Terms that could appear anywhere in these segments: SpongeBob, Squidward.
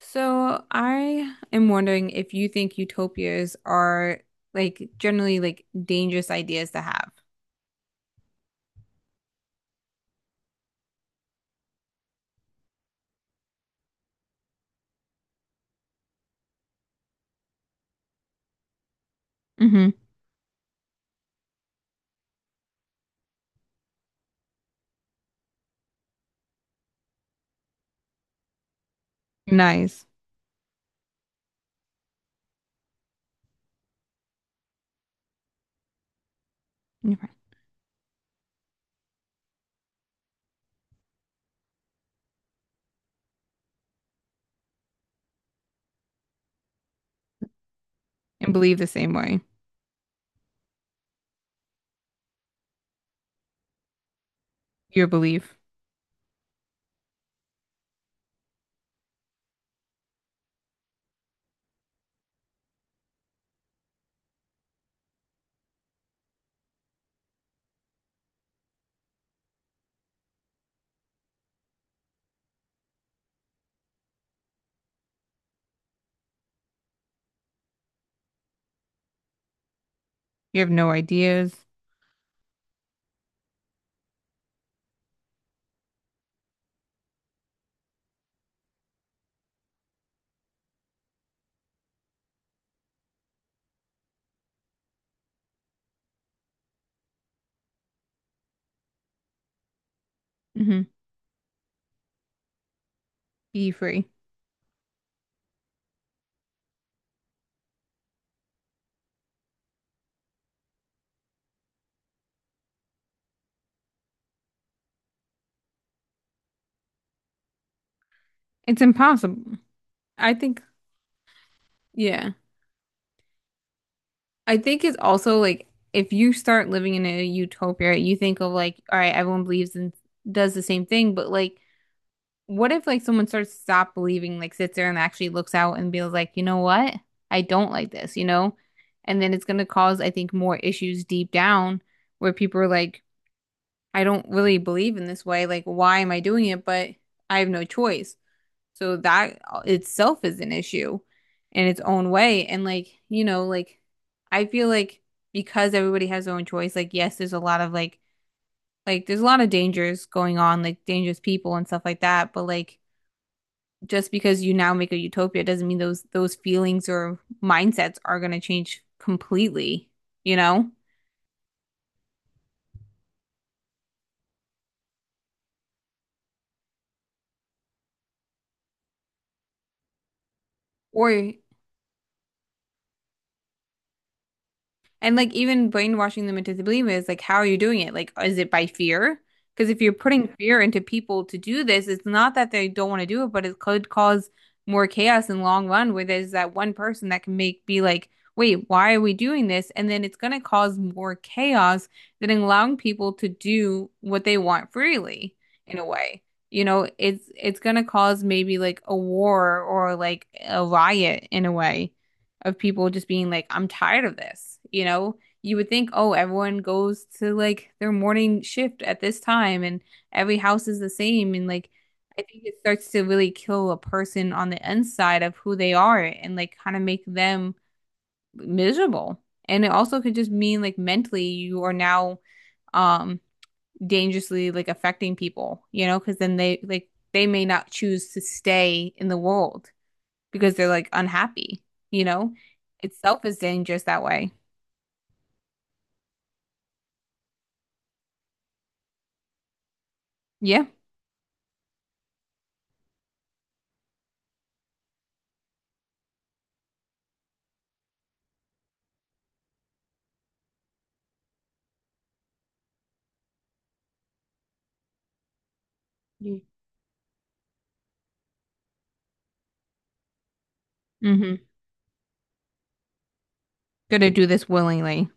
So I am wondering if you think utopias are like generally like dangerous ideas to have. Hmm. Nice. Okay. And believe the same way. Your belief. You have no ideas. Hmm. Be free. It's impossible. I think, yeah. I think it's also like if you start living in a utopia, you think of like, all right, everyone believes and does the same thing, but like what if like someone starts to stop believing, like sits there and actually looks out and feels like, you know what? I don't like this, you know? And then it's gonna cause, I think, more issues deep down where people are like, I don't really believe in this way. Like, why am I doing it? But I have no choice. So that itself is an issue in its own way. And like, you know, like I feel like because everybody has their own choice, like yes, there's a lot of like there's a lot of dangers going on, like dangerous people and stuff like that, but like just because you now make a utopia doesn't mean those feelings or mindsets are going to change completely, you know? Or. And like even brainwashing them into believing is like, how are you doing it? Like, is it by fear? Because if you're putting fear into people to do this, it's not that they don't want to do it, but it could cause more chaos in the long run where there's that one person that can make be like, wait, why are we doing this? And then it's going to cause more chaos than allowing people to do what they want freely in a way. You know, it's going to cause maybe like a war or like a riot in a way of people just being like, I'm tired of this. You know, you would think, oh, everyone goes to like their morning shift at this time and every house is the same. And like, I think it starts to really kill a person on the inside of who they are and like kind of make them miserable. And it also could just mean like mentally you are now um dangerously like affecting people, you know, because then they like they may not choose to stay in the world because they're like unhappy, you know? Itself is dangerous that way. Yeah. Yeah. Mm-hmm. Gonna do this willingly.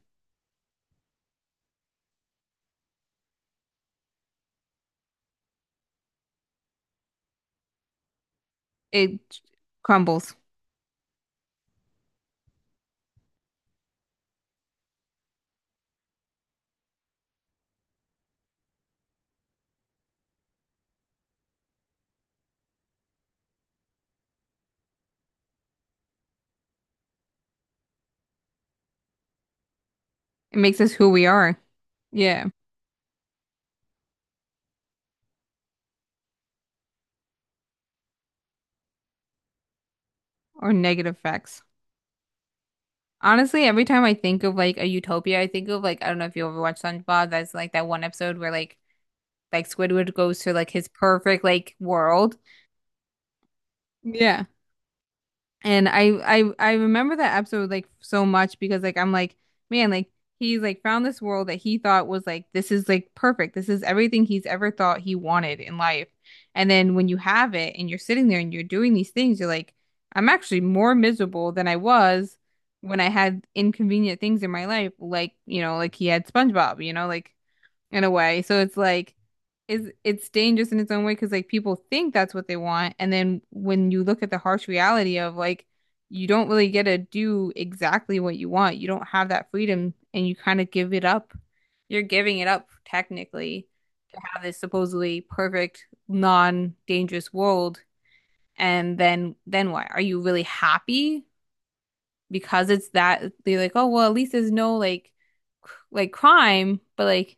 It crumbles. It makes us who we are. Yeah. Or negative effects. Honestly, every time I think of like a utopia, I think of like I don't know if you ever watched SpongeBob. That's like that one episode where like Squidward goes to like his perfect like world. Yeah. And I remember that episode like so much because like I'm like, man, like he's like found this world that he thought was like this is like perfect. This is everything he's ever thought he wanted in life. And then when you have it and you're sitting there and you're doing these things, you're like, I'm actually more miserable than I was when I had inconvenient things in my life, like, you know, like he had SpongeBob, you know, like in a way. So it's like is it's dangerous in its own way because like people think that's what they want, and then when you look at the harsh reality of like you don't really get to do exactly what you want, you don't have that freedom, and you kind of give it up. You're giving it up technically to have this supposedly perfect, non-dangerous world, and then why are you really happy? Because it's that they're like, oh well, at least there's no like crime, but like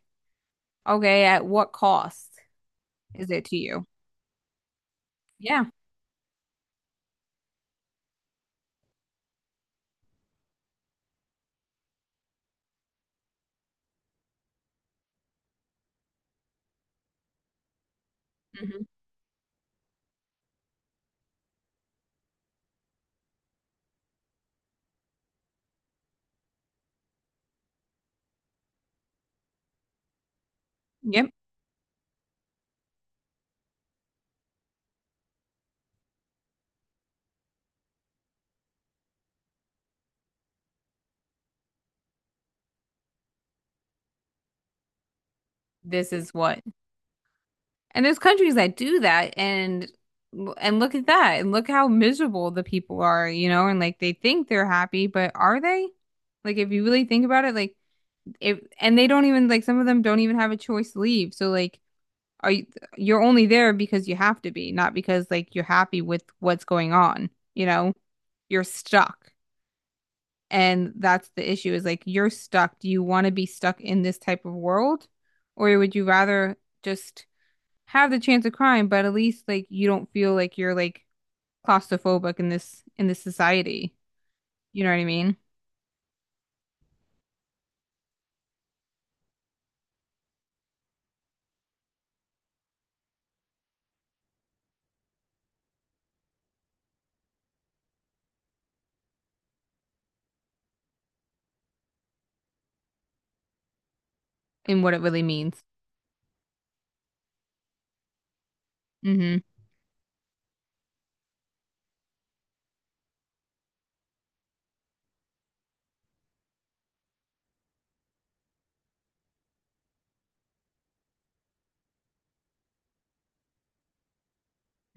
okay, at what cost is it to you? Yeah. Mhm. Yep. This is what. And there's countries that do that and look at that and look how miserable the people are, you know, and like they think they're happy, but are they? Like if you really think about it, like if and they don't even like some of them don't even have a choice to leave. So like are you you're only there because you have to be, not because like you're happy with what's going on, you know? You're stuck. And that's the issue is like you're stuck. Do you want to be stuck in this type of world? Or would you rather just have the chance of crime, but at least like you don't feel like you're like claustrophobic in this society. You know what I mean? And what it really means. Mm-hmm.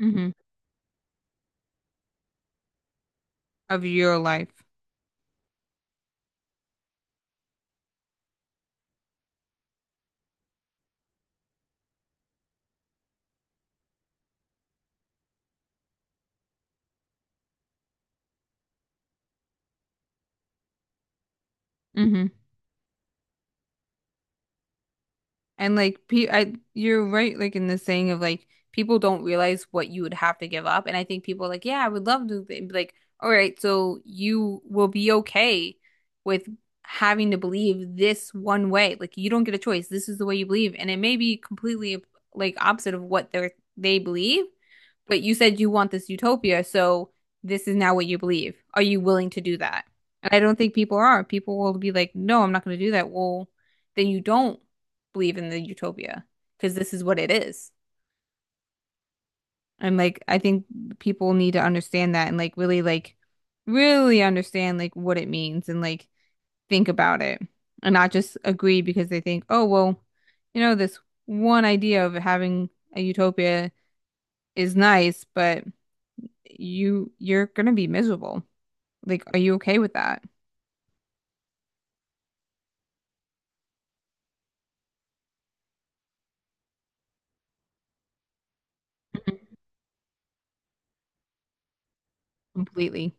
Mm-hmm. Of your life. Mm-hmm. And like pe I you're right like in the saying of like people don't realize what you would have to give up and I think people are like yeah I would love to be like all right so you will be okay with having to believe this one way like you don't get a choice this is the way you believe and it may be completely like opposite of what they believe but you said you want this utopia, so this is now what you believe. Are you willing to do that? And I don't think people are. People will be like, no, I'm not going to do that. Well, then you don't believe in the utopia because this is what it is. And like, I think people need to understand that and like, really understand like what it means and like think about it and not just agree because they think, oh, well, you know, this one idea of having a utopia is nice, but you're gonna be miserable. Like, are you okay with that? Mhm. Completely.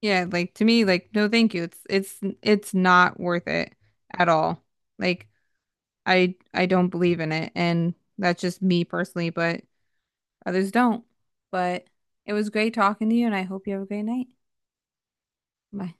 Yeah, like to me, like no, thank you. It's not worth it at all. Like I don't believe in it, and that's just me personally, but others don't. But it was great talking to you, and I hope you have a great night. Bye.